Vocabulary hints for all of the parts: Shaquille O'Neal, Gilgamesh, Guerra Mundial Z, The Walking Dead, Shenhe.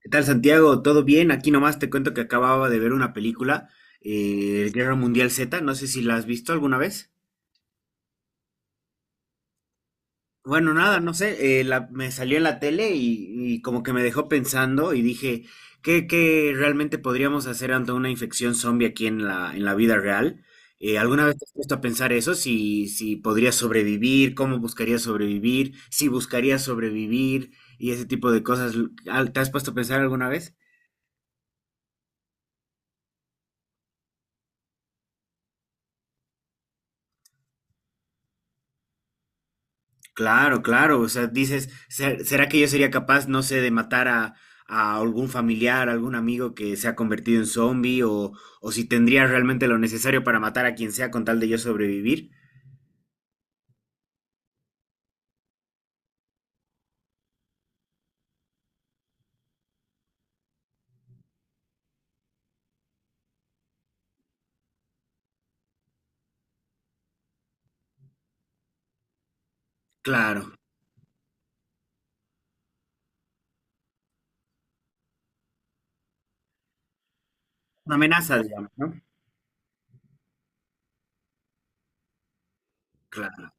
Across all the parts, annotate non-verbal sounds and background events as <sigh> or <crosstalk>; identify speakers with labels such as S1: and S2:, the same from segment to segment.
S1: ¿Qué tal, Santiago? ¿Todo bien? Aquí nomás te cuento que acababa de ver una película, Guerra Mundial Z, no sé si la has visto alguna vez. Bueno, nada, no sé, me salió en la tele y como que me dejó pensando y dije, ¿qué realmente podríamos hacer ante una infección zombie aquí en la vida real? ¿Alguna vez te has puesto a pensar eso? ¿Si podrías sobrevivir, cómo buscarías sobrevivir, si buscarías sobrevivir y ese tipo de cosas, ¿te has puesto a pensar alguna vez? Claro, claro, o sea, dices, ¿será que yo sería capaz, no sé, de matar a algún familiar, algún amigo que se ha convertido en zombie o si tendría realmente lo necesario para matar a quien sea con tal de yo sobrevivir? Claro, una amenaza, digamos, ¿no? Claro,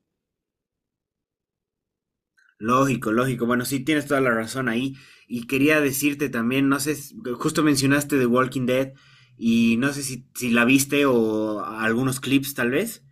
S1: lógico, lógico. Bueno, sí, tienes toda la razón ahí. Y quería decirte también, no sé, justo mencionaste The Walking Dead y no sé si la viste o algunos clips tal vez.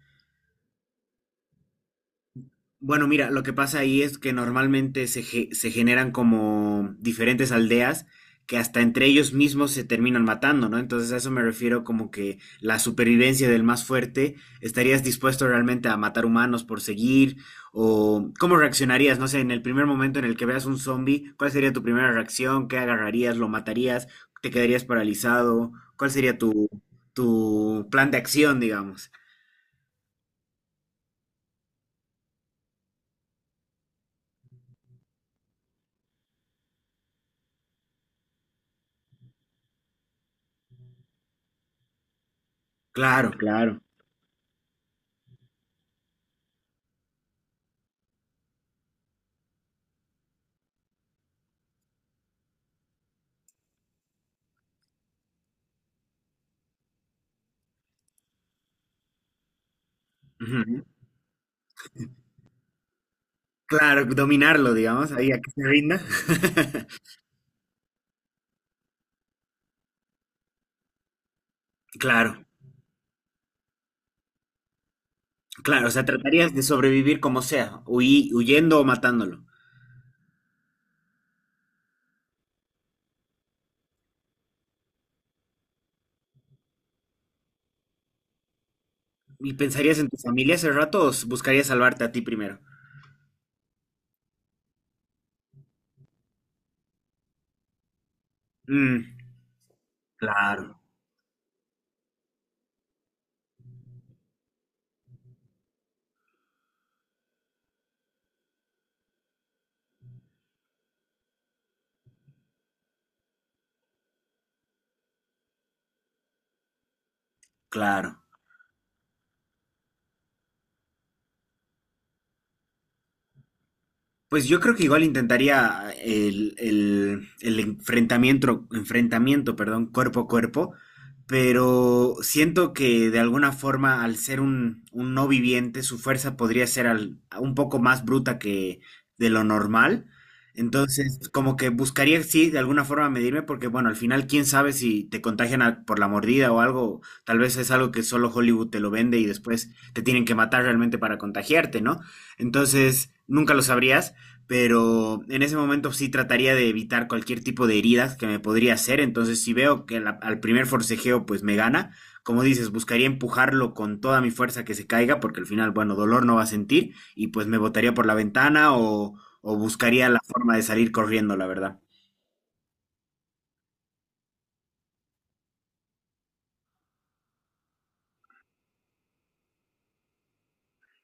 S1: Bueno, mira, lo que pasa ahí es que normalmente se generan como diferentes aldeas que hasta entre ellos mismos se terminan matando, ¿no? Entonces a eso me refiero como que la supervivencia del más fuerte, ¿estarías dispuesto realmente a matar humanos por seguir? ¿O cómo reaccionarías? No sé, en el primer momento en el que veas un zombie, ¿cuál sería tu primera reacción? ¿Qué agarrarías? ¿Lo matarías? ¿Te quedarías paralizado? ¿Cuál sería tu plan de acción, digamos? Claro, claro. Ujú. Claro, dominarlo, digamos, ahí a que se rinda. <laughs> Claro, claro, o sea, tratarías de sobrevivir como sea, huyendo o matándolo. ¿Y pensarías en tu familia ese rato o buscarías salvarte a ti primero? Mm, claro, claro. Pues yo creo que igual intentaría el enfrentamiento, enfrentamiento, perdón, cuerpo a cuerpo, pero siento que de alguna forma al ser un no viviente, su fuerza podría ser un poco más bruta que de lo normal. Entonces, como que buscaría, sí, de alguna forma medirme, porque bueno, al final, quién sabe si te contagian por la mordida o algo, tal vez es algo que solo Hollywood te lo vende y después te tienen que matar realmente para contagiarte, ¿no? Entonces, nunca lo sabrías, pero en ese momento sí trataría de evitar cualquier tipo de heridas que me podría hacer, entonces si veo que al primer forcejeo pues me gana, como dices, buscaría empujarlo con toda mi fuerza que se caiga, porque al final, bueno, dolor no va a sentir, y pues me botaría por la ventana o buscaría la forma de salir corriendo, la verdad.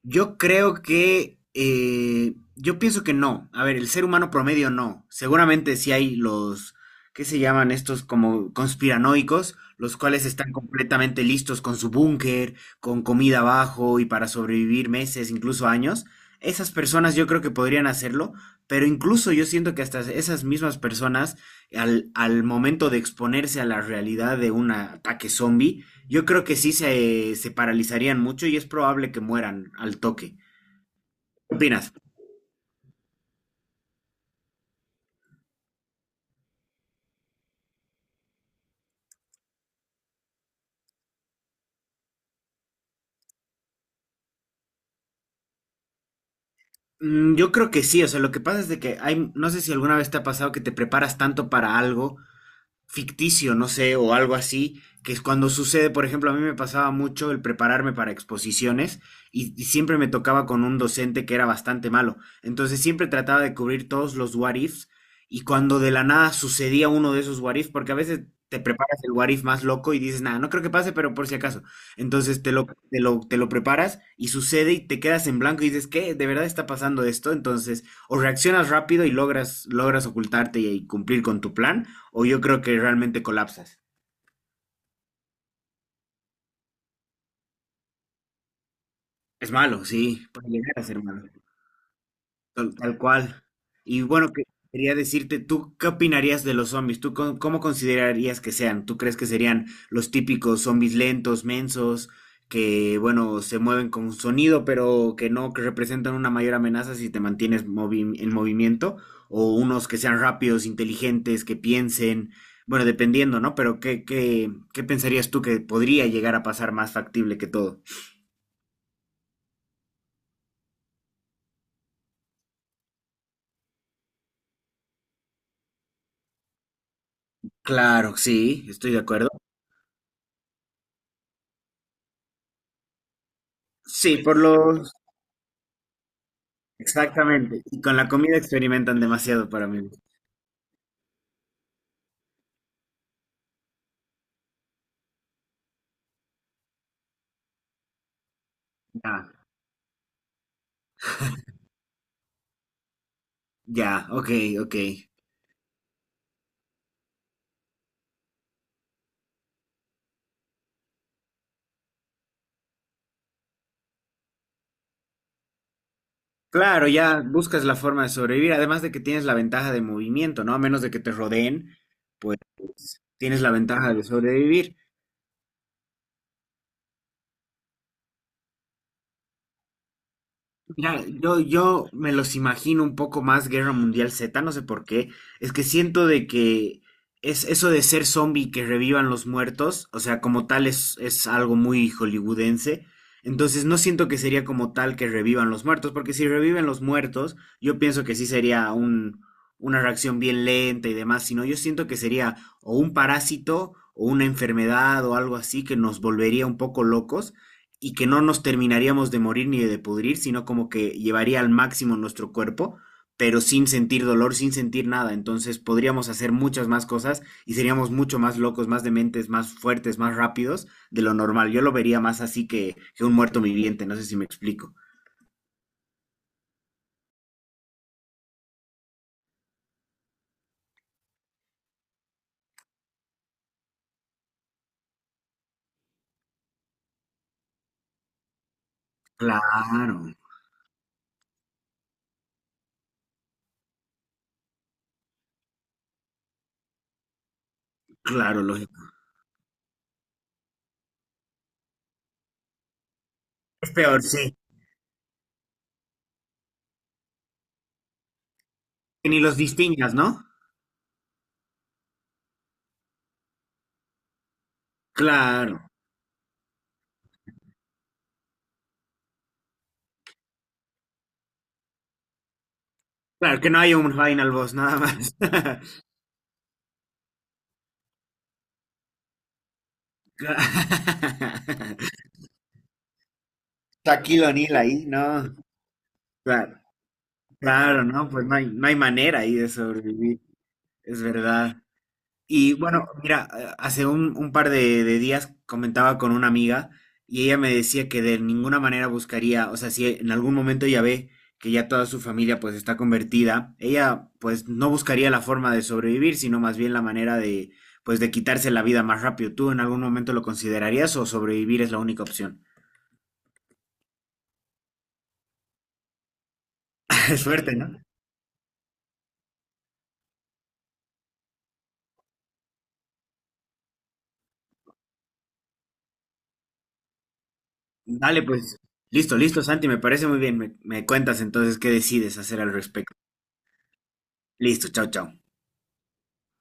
S1: Yo creo que, yo pienso que no. A ver, el ser humano promedio no. Seguramente sí hay ¿qué se llaman estos como conspiranoicos? Los cuales están completamente listos con su búnker, con comida abajo y para sobrevivir meses, incluso años. Esas personas yo creo que podrían hacerlo, pero incluso yo siento que hasta esas mismas personas, al momento de exponerse a la realidad de un ataque zombie, yo creo que sí se paralizarían mucho y es probable que mueran al toque. ¿Qué opinas? Mm, yo creo que sí, o sea, lo que pasa es de que hay, no sé si alguna vez te ha pasado que te preparas tanto para algo ficticio, no sé, o algo así, que es cuando sucede, por ejemplo, a mí me pasaba mucho el prepararme para exposiciones y siempre me tocaba con un docente que era bastante malo. Entonces siempre trataba de cubrir todos los what ifs y cuando de la nada sucedía uno de esos what ifs, porque a veces te preparas el what if más loco y dices, nada, no creo que pase, pero por si acaso. Entonces te lo preparas y sucede y te quedas en blanco y dices, ¿qué? ¿De verdad está pasando esto? Entonces, o reaccionas rápido y logras ocultarte y cumplir con tu plan o yo creo que realmente colapsas. Es malo, sí, puede llegar a ser malo, tal cual. Y bueno, quería decirte, ¿tú qué opinarías de los zombies? ¿Tú cómo considerarías que sean? ¿Tú crees que serían los típicos zombies lentos, mensos, que, bueno, se mueven con sonido, pero que no que representan una mayor amenaza si te mantienes en movimiento? ¿O unos que sean rápidos, inteligentes, que piensen? Bueno, dependiendo, ¿no? Pero ¿qué pensarías tú que podría llegar a pasar más factible que todo? Claro, sí, estoy de acuerdo. Sí, por los... Exactamente. Y con la comida experimentan demasiado para mí. Ya, ya, ok, ok. Claro, ya buscas la forma de sobrevivir, además de que tienes la ventaja de movimiento, ¿no? A menos de que te rodeen, pues tienes la ventaja de sobrevivir. Mira, yo me los imagino un poco más Guerra Mundial Z, no sé por qué. Es que siento de que es eso de ser zombie que revivan los muertos, o sea, como tal es algo muy hollywoodense. Entonces no siento que sería como tal que revivan los muertos, porque si reviven los muertos, yo pienso que sí sería una reacción bien lenta y demás, sino yo siento que sería o un parásito o una enfermedad o algo así que nos volvería un poco locos y que no nos terminaríamos de morir ni de pudrir, sino como que llevaría al máximo nuestro cuerpo, pero sin sentir dolor, sin sentir nada. Entonces podríamos hacer muchas más cosas y seríamos mucho más locos, más dementes, más fuertes, más rápidos de lo normal. Yo lo vería más así que un muerto viviente, no sé si me explico. Claro, claro, lógico. Es peor, sí. Que ni los distingas, ¿no? Claro. Claro, que no hay un final boss, nada más. <laughs> Claro. <laughs> Shaquille O'Neal ahí, no. Claro. Claro, no, no hay manera ahí de sobrevivir, es verdad. Y bueno, mira, hace un par de días comentaba con una amiga y ella me decía que de ninguna manera buscaría, o sea, si en algún momento ella ve que ya toda su familia pues está convertida, ella pues no buscaría la forma de sobrevivir, sino más bien la manera de pues de quitarse la vida más rápido. ¿Tú en algún momento lo considerarías o sobrevivir es la única opción? <laughs> Suerte, ¿no? Dale, pues. Listo, listo, Santi, me parece muy bien. Me cuentas entonces qué decides hacer al respecto. Listo, chao, chao.